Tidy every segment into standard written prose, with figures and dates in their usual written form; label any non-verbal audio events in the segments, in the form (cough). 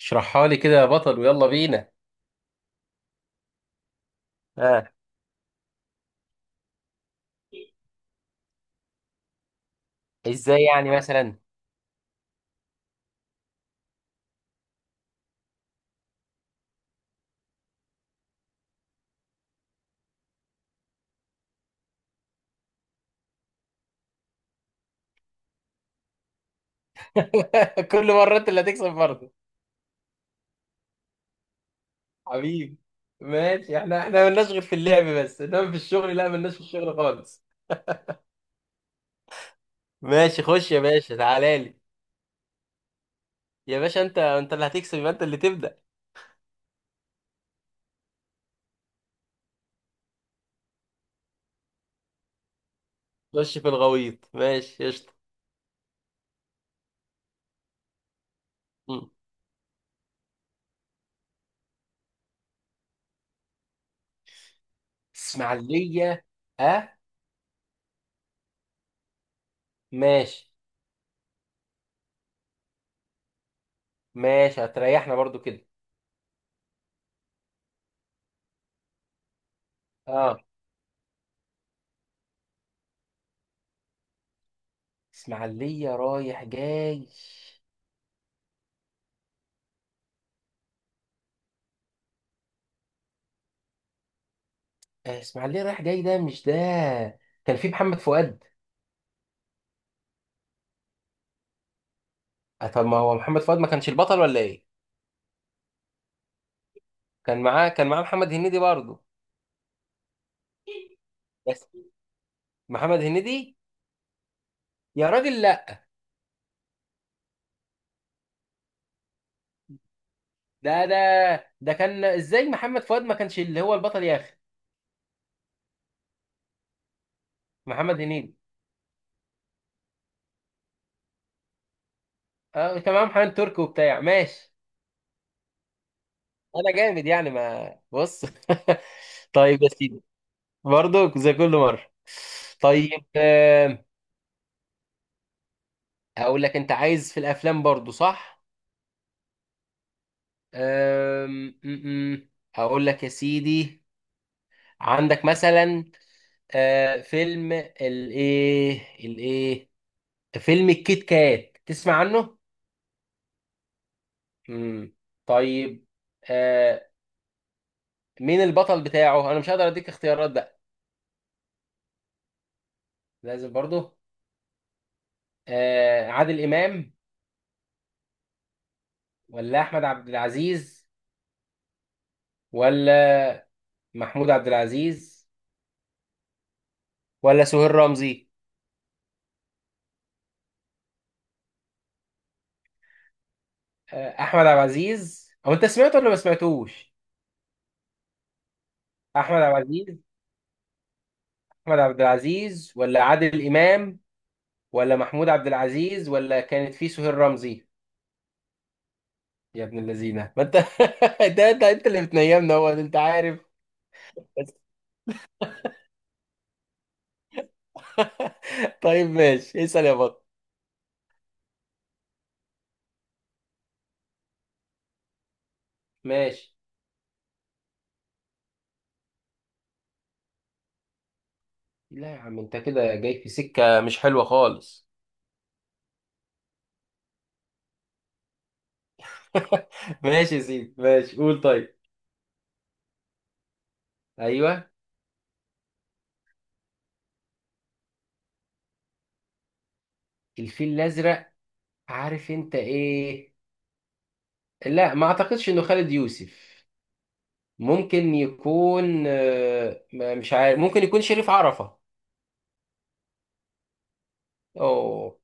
اشرحها لي كده يا بطل، ويلا بينا. اه. ازاي يعني مثلا؟ (laughs) كل مرة انت اللي هتكسب برضه. حبيبي. ماشي، احنا ملناش غير في اللعب، بس انما في الشغل لا، ملناش في الشغل خالص. ماشي، خش يا باشا، تعالى لي. يا باشا، انت اللي هتكسب، يبقى انت اللي تبدأ. خش في الغويط، ماشي قشطة. م. اسماعيلية. اه. ماشي. ماشي، هتريحنا برضو كده. اه اسماعيلية رايح جاي. اسماعيلية رايح جاي ده مش ده. كان في محمد فؤاد. طب ما هو محمد فؤاد ما كانش البطل، ولا ايه؟ كان معاه محمد هنيدي برضه. بس. محمد هنيدي. يا راجل، لا. ده ده ده كان ازاي محمد فؤاد ما كانش اللي هو البطل يا اخي؟ محمد هنيدي. اه كان معاه محمد تركي وبتاع، ماشي. انا جامد يعني، ما بص. (laughs) طيب يا سيدي. برضه زي كل مره. طيب، اقول لك، انت عايز في الافلام برضه صح؟ آم، م- م. اقول لك يا سيدي، عندك مثلا فيلم الايه فيلم الكيت كات، تسمع عنه؟ امم. طيب. آه مين البطل بتاعه؟ انا مش هقدر اديك اختيارات بقى. لازم برضه. عادل امام، ولا احمد عبد العزيز، ولا محمود عبد العزيز، ولا سهير رمزي؟ احمد عبد العزيز، او انت سمعته ولا ما سمعتوش؟ احمد عبد العزيز. احمد عبد العزيز ولا عادل امام، ولا محمود عبد العزيز، ولا كانت في سهير رمزي؟ يا ابن اللذينه ما انت. (laughs) ده انت اللي بتنيمنا هو، انت عارف. بس. (laughs) طيب ماشي، اسال يا بطل. ماشي. لا يا عم، انت كده جاي في سكه مش حلوه خالص. (laughs) ماشي يا سيدي، ماشي قول طيب. ايوه. الفيل الازرق. عارف انت ايه؟ لا ما اعتقدش انه خالد يوسف. ممكن يكون، مش عارف، ممكن يكون شريف عرفة. اوه.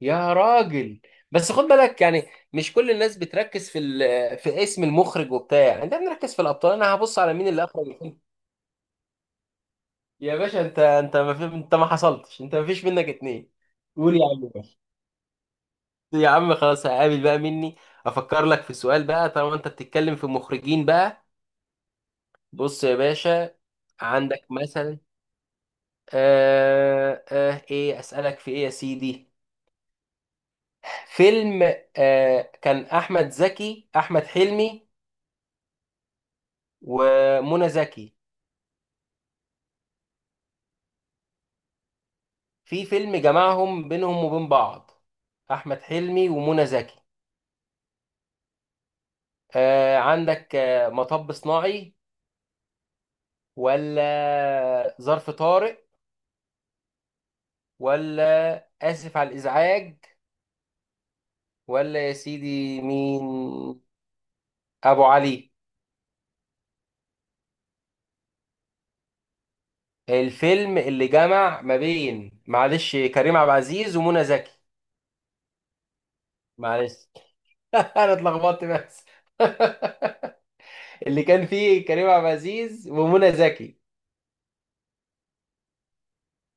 يا راجل. بس خد بالك يعني، مش كل الناس بتركز في اسم المخرج وبتاع يعني، انت بنركز في الابطال، انا هبص على مين اللي اخرج الفيلم. يا باشا، انت ما في... انت ما حصلتش، انت ما فيش منك اتنين. قول يا عم باشا. يا عم خلاص، هقابل بقى مني. افكر لك في سؤال بقى طالما انت بتتكلم في مخرجين بقى. بص يا باشا، عندك مثلا، ايه اسالك في ايه يا سيدي؟ فيلم، كان احمد حلمي ومنى زكي، في فيلم جمعهم بينهم وبين بعض؟ احمد حلمي ومنى زكي. عندك مطب صناعي، ولا ظرف طارق، ولا اسف على الازعاج، ولا يا سيدي مين؟ ابو علي؟ الفيلم اللي جمع ما بين، معلش، كريم عبد العزيز ومنى زكي. معلش. (laughs) انا اتلخبطت بس. (laughs) اللي كان فيه كريم عبد العزيز ومنى زكي،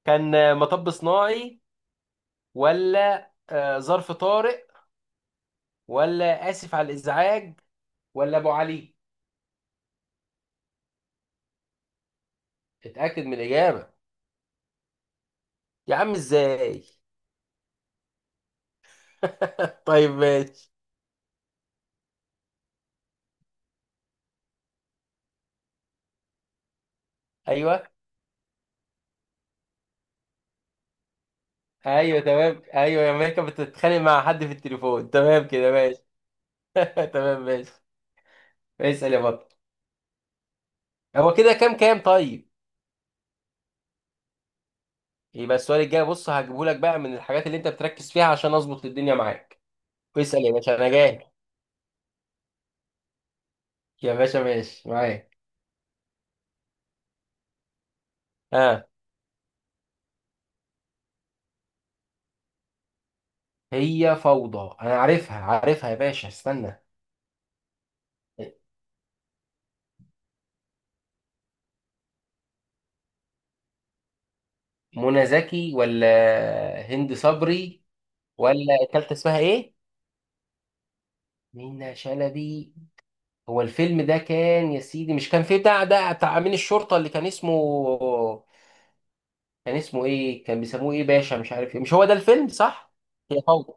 كان مطب صناعي، ولا ظرف طارئ، ولا آسف على الإزعاج، ولا أبو علي؟ اتأكد من الإجابة. يا عم إزاي؟ (laughs) طيب ماشي. أيوه. أيوه تمام، أيوه يا ماما كانت بتتخانق مع حد في التليفون، تمام كده، ماشي. (laughs) تمام ماشي. اسأل يا بطل. هو كده كام طيب؟ يبقى السؤال الجاي بص هجيبه لك بقى من الحاجات اللي أنت بتركز فيها عشان أظبط الدنيا معاك. اسأل يا باشا، أنا جاي. يا باشا ماشي معاك. آه هي فوضى. أنا عارفها عارفها يا باشا، استنى. منى زكي ولا هند صبري؟ ولا التالتة اسمها ايه؟ منى شلبي. هو الفيلم ده كان يا سيدي، مش كان فيه بتاع ده بتاع امين الشرطة اللي كان اسمه، كان اسمه ايه؟ كان بيسموه ايه باشا، مش عارف ايه، مش هو ده الفيلم صح؟ هي فوضى.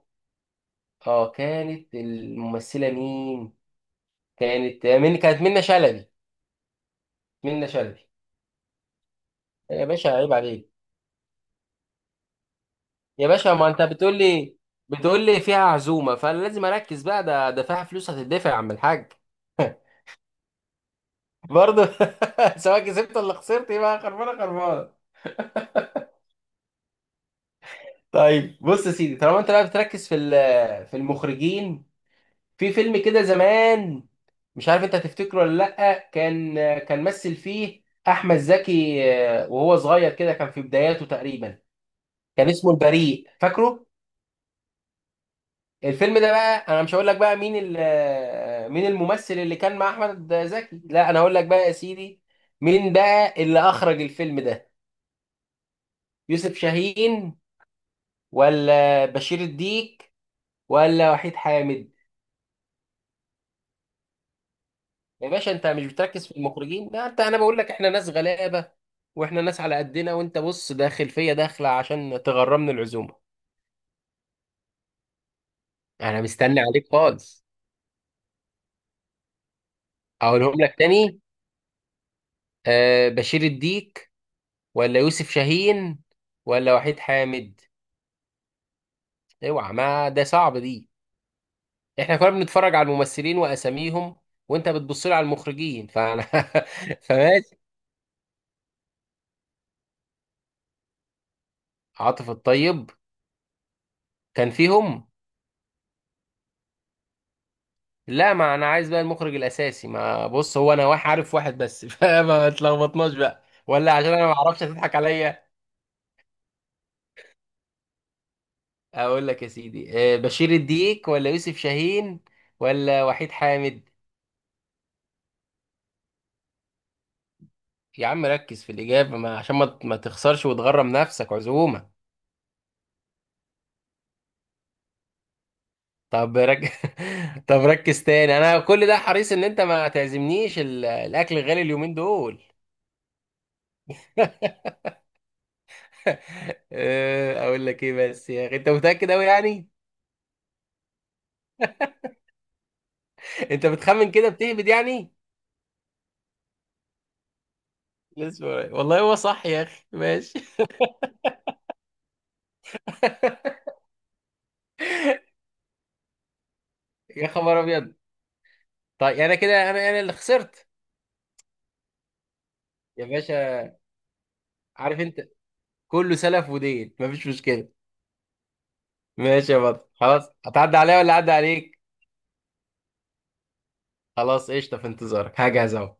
اه كانت الممثلة مين؟ كانت منى شلبي. منى شلبي. يا باشا عيب عليك. يا باشا، ما انت بتقول لي، بتقول لي فيها عزومة فلازم اركز بقى، ده فيها فلوس هتدفع يا عم الحاج. (laughs) برضه. (laughs) سواء كسبت ولا خسرت يبقى خربانه خربانه. طيب بص يا سيدي، طالما انت بقى بتركز في المخرجين، في فيلم كده زمان، مش عارف انت هتفتكره ولا لا. كان، مثل فيه احمد زكي، وهو صغير كده، كان في بداياته تقريبا، كان اسمه البريء، فاكره؟ الفيلم ده بقى، انا مش هقول لك بقى مين مين الممثل اللي كان مع احمد زكي، لا انا هقول لك بقى يا سيدي، مين بقى اللي اخرج الفيلم ده؟ يوسف شاهين، ولا بشير الديك، ولا وحيد حامد؟ يا باشا انت مش بتركز في المخرجين؟ لا انا بقول لك احنا ناس غلابه، واحنا ناس على قدنا، وانت بص داخل فيا داخله عشان تغرمني العزومه. انا مستني عليك خالص. اقولهم لك تاني. بشير الديك، ولا يوسف شاهين، ولا وحيد حامد. اوعى، ما ده صعب دي. احنا كنا بنتفرج على الممثلين واساميهم، وانت بتبص لي على المخرجين فانا. (laughs) فماشي. عاطف الطيب كان فيهم. لا ما انا عايز بقى المخرج الاساسي، ما بص هو انا واحد عارف واحد بس. (laughs) فما تلخبطناش بقى، ولا عشان انا ما اعرفش هتضحك عليا. اقول لك يا سيدي، بشير الديك، ولا يوسف شاهين، ولا وحيد حامد؟ يا عم ركز في الاجابه ما، عشان ما تخسرش وتغرم نفسك عزومه. طب رك... (laughs) طب ركز تاني، انا كل ده حريص ان انت ما تعزمنيش الاكل غالي اليومين دول. (laughs) اقول لك ايه بس يا اخي، انت متاكد قوي يعني؟ (laughs) انت بتخمن كده، بتهبد يعني؟ لسه ورايا. والله هو صح يا اخي، ماشي. (laughs) يا خبر ابيض. طيب، انا كده انا اللي خسرت. يا باشا عارف انت، كله سلف ودين، مفيش مشكله. ماشي يا بطل، خلاص، هتعدي عليا ولا عدى عليك؟ خلاص قشطه، في انتظارك هجهز اهو.